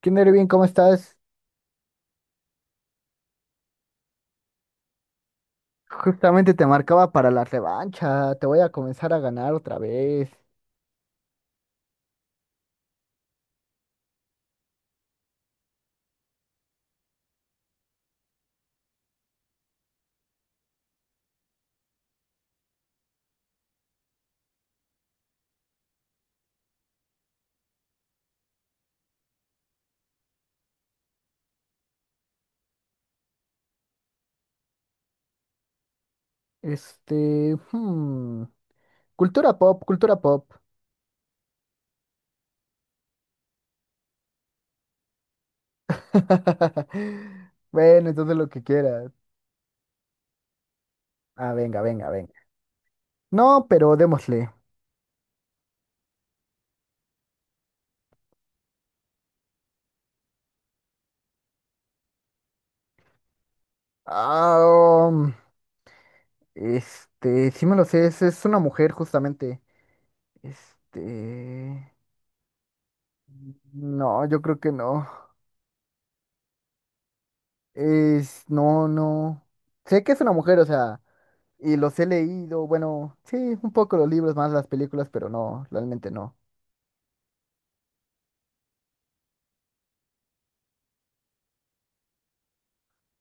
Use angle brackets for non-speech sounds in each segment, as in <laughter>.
¿Quién eres bien? ¿Cómo estás? Justamente te marcaba para la revancha. Te voy a comenzar a ganar otra vez. Este, hmm, Cultura pop, cultura pop. <laughs> Bueno, entonces lo que quieras. Ah, venga, venga, venga. No, pero démosle. Ah, sí me lo sé, es una mujer justamente. Este, no, yo creo que no. No, no. Sé que es una mujer, o sea. Y los he leído, bueno, sí, un poco los libros más las películas, pero no, realmente no.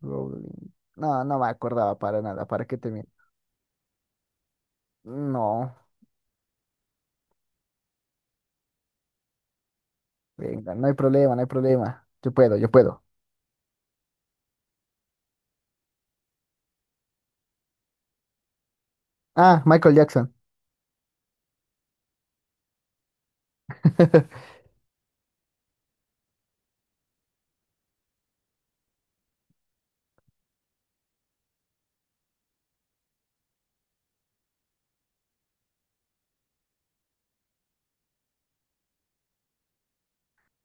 Rowling. No, no me acordaba para nada, ¿para qué te miento? No, venga, no hay problema, no hay problema. Yo puedo, yo puedo. Ah, Michael Jackson. <laughs>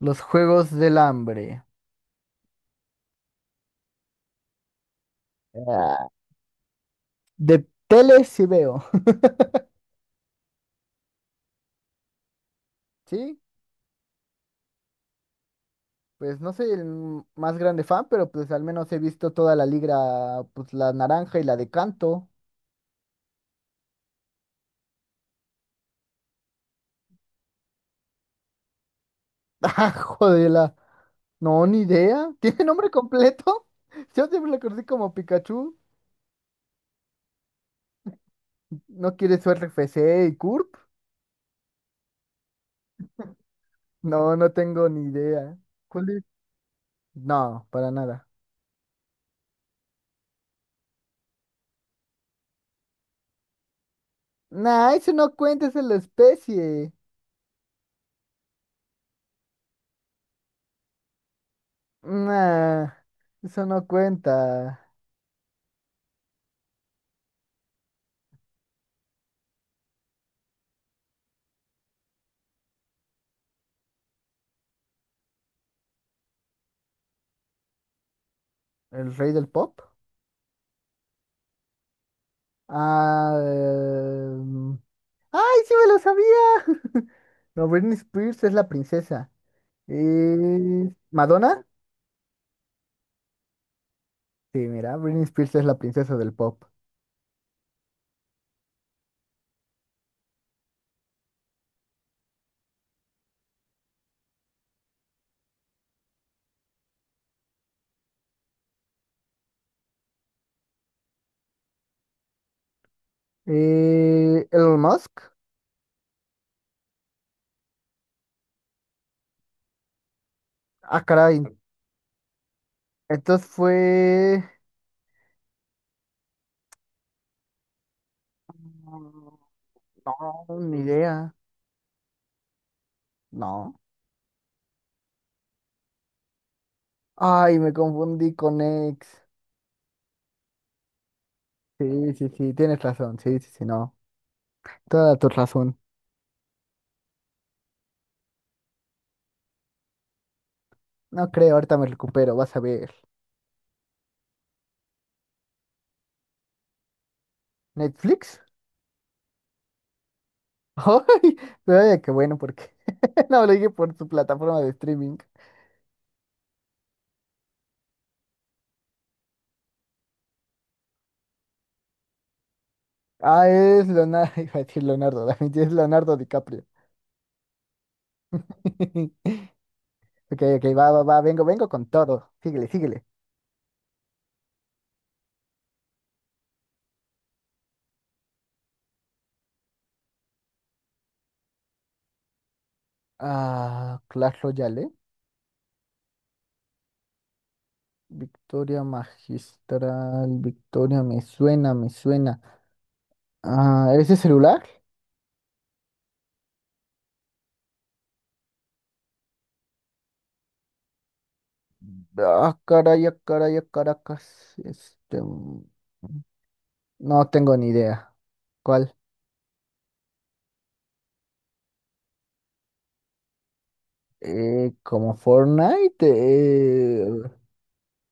Los Juegos del Hambre. Ah, de tele sí veo. <laughs> Sí, pues no soy el más grande fan, pero pues al menos he visto toda la liga, pues la naranja y la de canto. <laughs> Ah, joder. No, ni idea. <laughs> ¿Tiene nombre completo? <laughs> Yo siempre lo conocí como Pikachu. ¿No quiere su RFC y CURP? No, no tengo ni idea. ¿Cuál es? No, para nada. Nah, eso no cuenta, esa es la especie. Nah, eso no cuenta. ¿El rey del pop? Ah, ¡Ay, sí me lo sabía! <laughs> No, Britney Spears es la princesa. ¿Madonna? Sí, mira, Britney Spears es la princesa del pop. Elon Musk. Ah, caray. Entonces fue. No, ni idea. No. Ay, me confundí con X. Sí, sí, sí, tienes razón. Sí, sí, sí, no. Toda tu razón. No creo, ahorita me recupero, vas a ver. ¿Netflix? <laughs> Ay, pero vaya que bueno, porque <laughs> no lo dije por su plataforma de streaming. Ah, es Leonardo, <laughs> iba a decir Leonardo, da Vinci, es Leonardo DiCaprio. <laughs> Ok, ok, va, va, va, vengo, vengo con todo. Síguele, síguele. Ah, Clash Royale, Victoria Magistral, Victoria, me suena, me suena. Ah, ¿ese celular? Ah, caray, ah, caray, ah, Caracas. No tengo ni idea. ¿Cuál? Como Fortnite.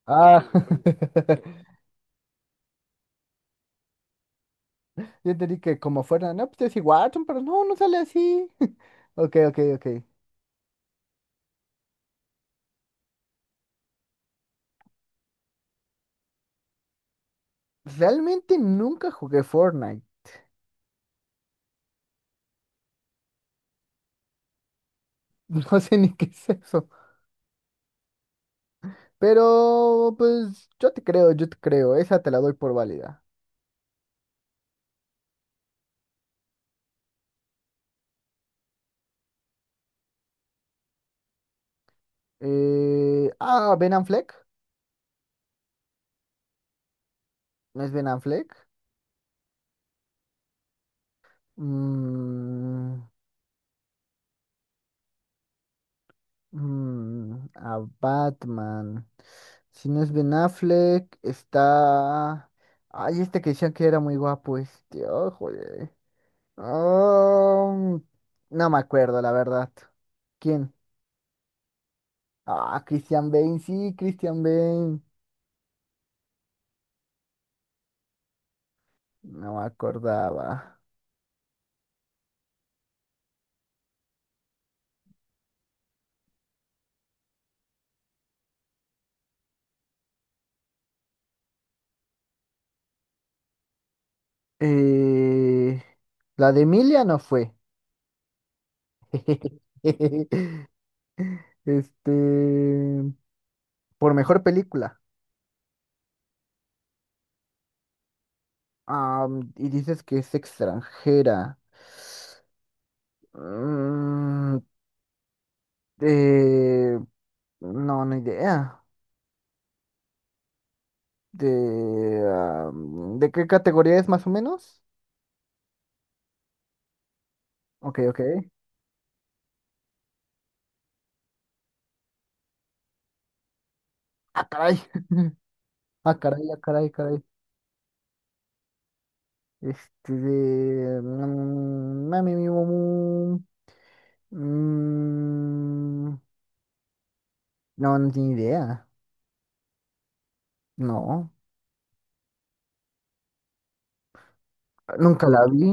Ah, <laughs> yo entendí que como Fortnite, no, pues es igual, pero no, no sale así. <laughs> Ok, ok, ok. Realmente nunca jugué Fortnite. <laughs> No sé ni qué es eso. Pero, pues, yo te creo, yo te creo. Esa te la doy por válida. Ben Affleck. ¿No es Ben Affleck? Mm, a Batman. Si no es Ben Affleck, está... Ay, este que decían que era muy guapo. Oh, joder. Ah, no me acuerdo, la verdad. ¿Quién? Ah, Christian Bale, sí, Christian Bale. No me acordaba. Eh, la de Emilia no fue. <laughs> Este, por mejor película. Y dices que es extranjera. Mm, eh, no, ni idea. De, ¿De qué categoría es más o menos? Ok, ok. Ah, caray. <laughs> Ah, caray, caray. Mami, mi, mu, mu, mm, No, no tiene idea. No, nunca la vi.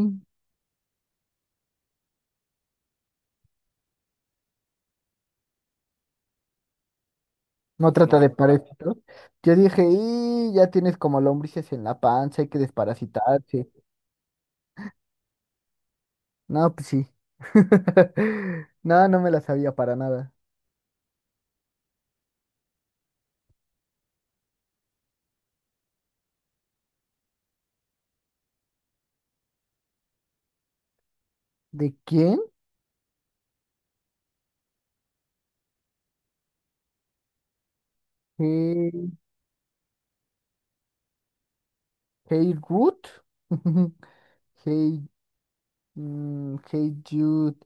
No trata de parásitos. Yo dije, y ya tienes como lombrices en la panza, hay que desparasitarse. No, pues sí. <laughs> No, no me la sabía para nada. ¿De quién? Hey, hey Ruth. <laughs> Hey, hey Jude.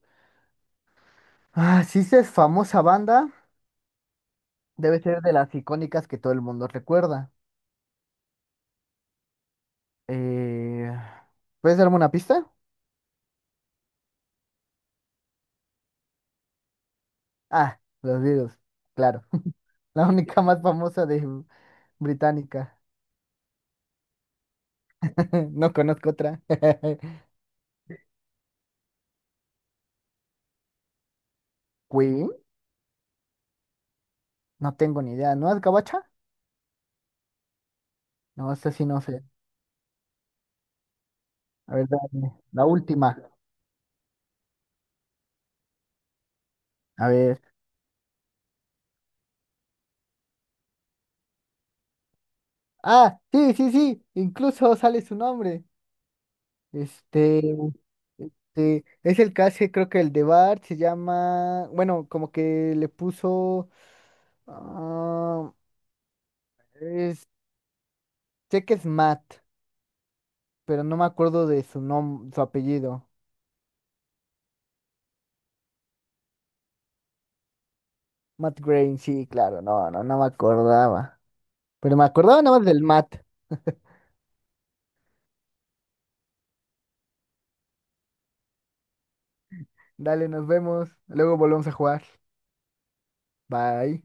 Ah, sí, esa es famosa banda. Debe ser de las icónicas que todo el mundo recuerda. Eh, ¿Puedes darme una pista? Ah, los Beatles, claro. La única más famosa de Británica. <laughs> No conozco otra. <laughs> Queen, no tengo ni idea. ¿No es gabacha? No, esa sí no sé. A ver, dame. La última. A ver. Ah, sí, sí, sí. Incluso sale su nombre. Este, este, es el que hace, creo que el de Bart se llama. Bueno, como que le puso. ah, es- Sé que es Matt, pero no me acuerdo de su nombre, su apellido. Matt Groening, sí, claro, no, no, no me acordaba. Pero me acordaba nada más del Matt. Dale, nos vemos. Luego volvemos a jugar. Bye.